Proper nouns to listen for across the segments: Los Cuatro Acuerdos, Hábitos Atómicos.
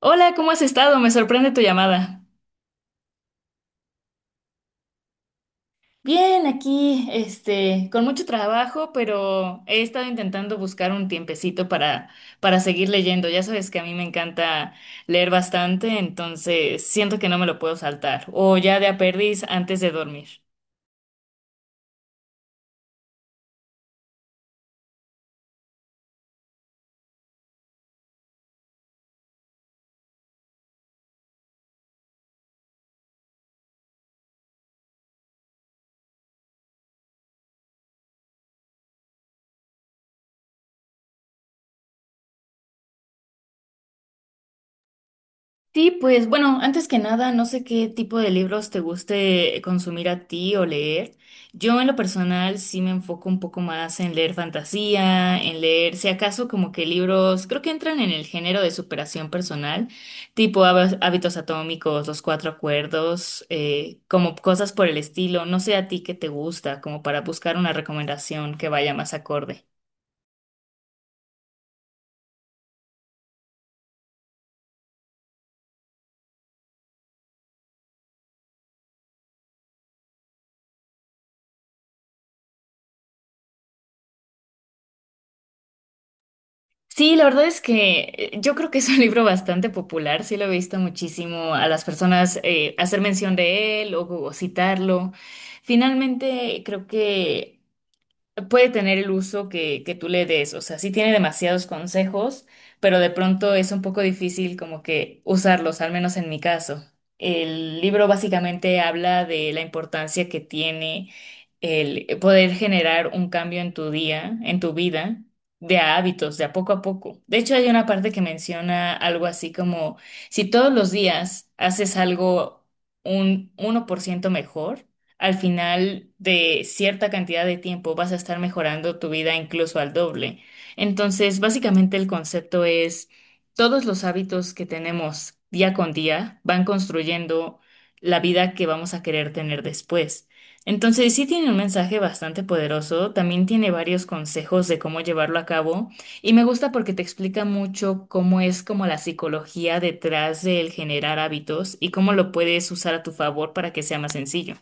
Hola, ¿cómo has estado? Me sorprende tu llamada. Bien, aquí, con mucho trabajo, pero he estado intentando buscar un tiempecito para seguir leyendo. Ya sabes que a mí me encanta leer bastante, entonces siento que no me lo puedo saltar. O ya de a perdiz antes de dormir. Sí, pues bueno, antes que nada, no sé qué tipo de libros te guste consumir a ti o leer. Yo en lo personal sí me enfoco un poco más en leer fantasía, en leer, si acaso, como que libros, creo que entran en el género de superación personal, tipo Hábitos Atómicos, Los Cuatro Acuerdos, como cosas por el estilo. No sé a ti qué te gusta, como para buscar una recomendación que vaya más acorde. Sí, la verdad es que yo creo que es un libro bastante popular, sí lo he visto muchísimo a las personas hacer mención de él o citarlo. Finalmente, creo que puede tener el uso que tú le des. O sea, sí tiene demasiados consejos, pero de pronto es un poco difícil como que usarlos, al menos en mi caso. El libro básicamente habla de la importancia que tiene el poder generar un cambio en tu día, en tu vida, de a hábitos, de a poco a poco. De hecho, hay una parte que menciona algo así como, si todos los días haces algo un 1% mejor, al final de cierta cantidad de tiempo vas a estar mejorando tu vida incluso al doble. Entonces, básicamente el concepto es todos los hábitos que tenemos día con día van construyendo la vida que vamos a querer tener después. Entonces, sí tiene un mensaje bastante poderoso, también tiene varios consejos de cómo llevarlo a cabo y me gusta porque te explica mucho cómo es como la psicología detrás del generar hábitos y cómo lo puedes usar a tu favor para que sea más sencillo.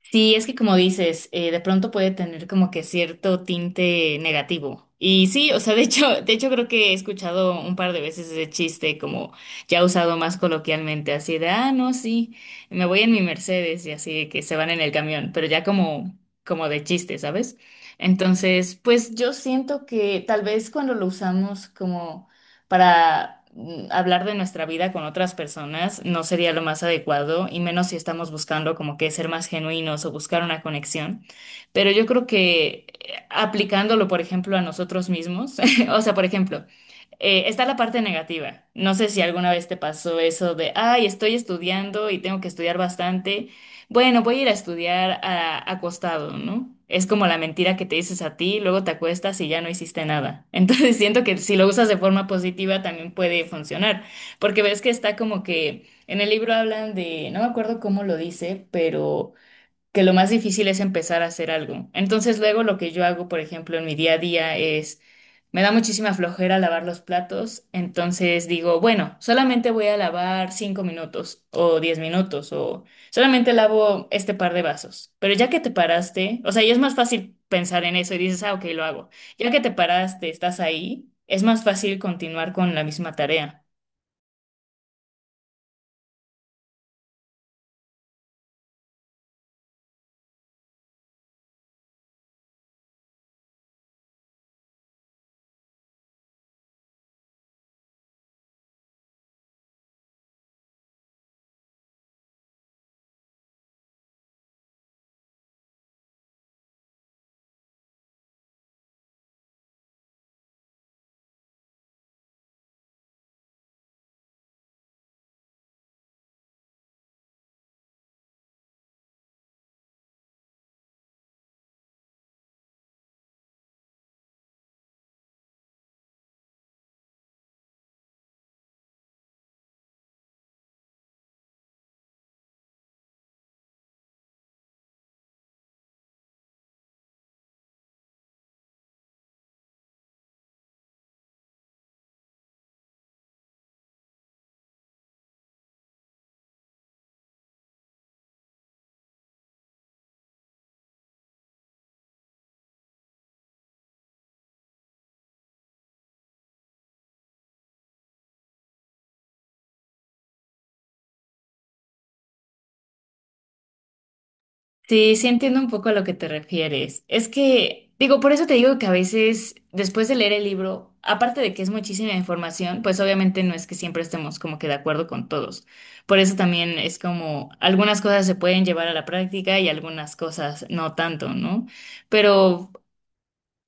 Sí, es que como dices, de pronto puede tener como que cierto tinte negativo. Y sí, o sea, de hecho creo que he escuchado un par de veces ese chiste como ya usado más coloquialmente, así de, ah, no, sí, me voy en mi Mercedes y así de que se van en el camión, pero ya como, como de chiste, ¿sabes? Entonces, pues yo siento que tal vez cuando lo usamos como para hablar de nuestra vida con otras personas no sería lo más adecuado, y menos si estamos buscando como que ser más genuinos o buscar una conexión. Pero yo creo que aplicándolo, por ejemplo, a nosotros mismos, o sea, por ejemplo, está la parte negativa. No sé si alguna vez te pasó eso de, ay, estoy estudiando y tengo que estudiar bastante. Bueno, voy a ir a estudiar acostado, ¿no? Es como la mentira que te dices a ti, luego te acuestas y ya no hiciste nada. Entonces siento que si lo usas de forma positiva también puede funcionar, porque ves que está como que en el libro hablan de, no me acuerdo cómo lo dice, pero que lo más difícil es empezar a hacer algo. Entonces luego lo que yo hago, por ejemplo, en mi día a día es, me da muchísima flojera lavar los platos, entonces digo, bueno, solamente voy a lavar 5 minutos o 10 minutos o solamente lavo este par de vasos. Pero ya que te paraste, o sea, ya es más fácil pensar en eso y dices, ah, ok, lo hago. Ya que te paraste, estás ahí, es más fácil continuar con la misma tarea. Sí, sí entiendo un poco a lo que te refieres. Es que, digo, por eso te digo que a veces, después de leer el libro, aparte de que es muchísima información, pues obviamente no es que siempre estemos como que de acuerdo con todos. Por eso también es como algunas cosas se pueden llevar a la práctica y algunas cosas no tanto, ¿no? Pero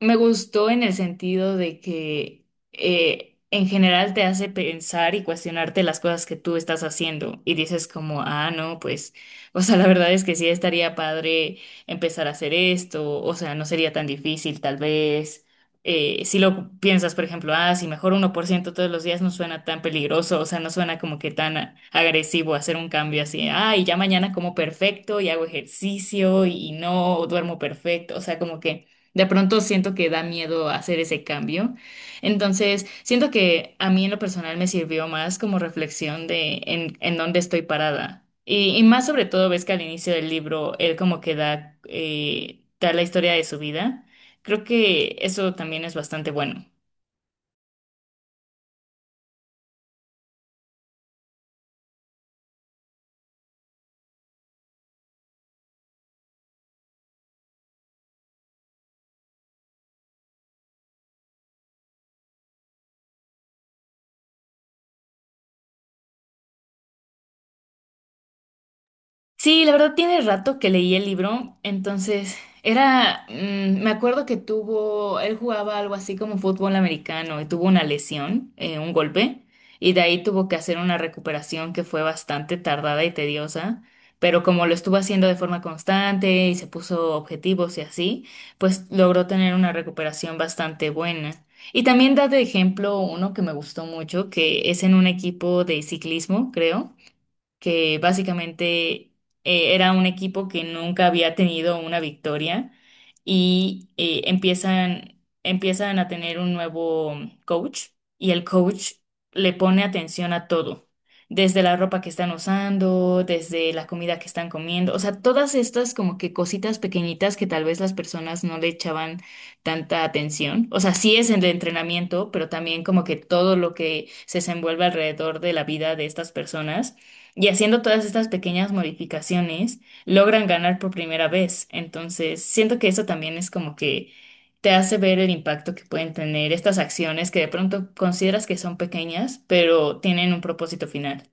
me gustó en el sentido de que en general te hace pensar y cuestionarte las cosas que tú estás haciendo y dices como, ah, no, pues, o sea, la verdad es que sí estaría padre empezar a hacer esto, o sea, no sería tan difícil tal vez. Si lo piensas, por ejemplo, ah, si mejor 1% todos los días no suena tan peligroso, o sea, no suena como que tan agresivo hacer un cambio así, ah, y ya mañana como perfecto y hago ejercicio y no duermo perfecto, o sea, como que... De pronto siento que da miedo hacer ese cambio. Entonces, siento que a mí en lo personal me sirvió más como reflexión de en dónde estoy parada. Y más sobre todo, ves que al inicio del libro él como que da, da la historia de su vida. Creo que eso también es bastante bueno. Sí, la verdad tiene rato que leí el libro, entonces era, mm, me acuerdo que tuvo, él jugaba algo así como fútbol americano y tuvo una lesión, un golpe, y de ahí tuvo que hacer una recuperación que fue bastante tardada y tediosa, pero como lo estuvo haciendo de forma constante y se puso objetivos y así, pues logró tener una recuperación bastante buena. Y también da de ejemplo uno que me gustó mucho, que es en un equipo de ciclismo, creo que básicamente era un equipo que nunca había tenido una victoria y empiezan a tener un nuevo coach y el coach le pone atención a todo, desde la ropa que están usando, desde la comida que están comiendo, o sea, todas estas como que cositas pequeñitas que tal vez las personas no le echaban tanta atención, o sea, sí es el entrenamiento, pero también como que todo lo que se desenvuelve alrededor de la vida de estas personas y haciendo todas estas pequeñas modificaciones, logran ganar por primera vez. Entonces, siento que eso también es como que te hace ver el impacto que pueden tener estas acciones que de pronto consideras que son pequeñas, pero tienen un propósito final.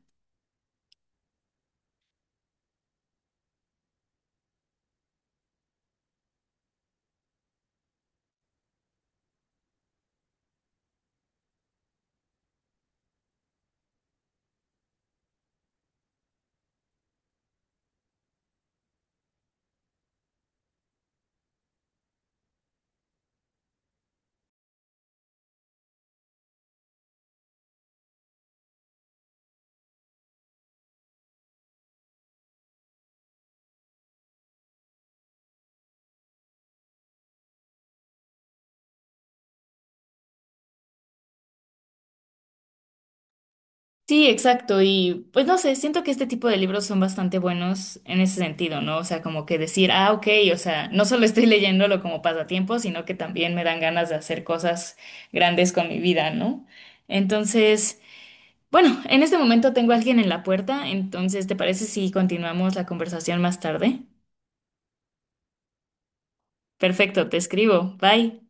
Sí, exacto. Y pues no sé, siento que este tipo de libros son bastante buenos en ese sentido, ¿no? O sea, como que decir, ah, ok, o sea, no solo estoy leyéndolo como pasatiempo, sino que también me dan ganas de hacer cosas grandes con mi vida, ¿no? Entonces... Bueno, en este momento tengo a alguien en la puerta, entonces ¿te parece si continuamos la conversación más tarde? Perfecto, te escribo. Bye.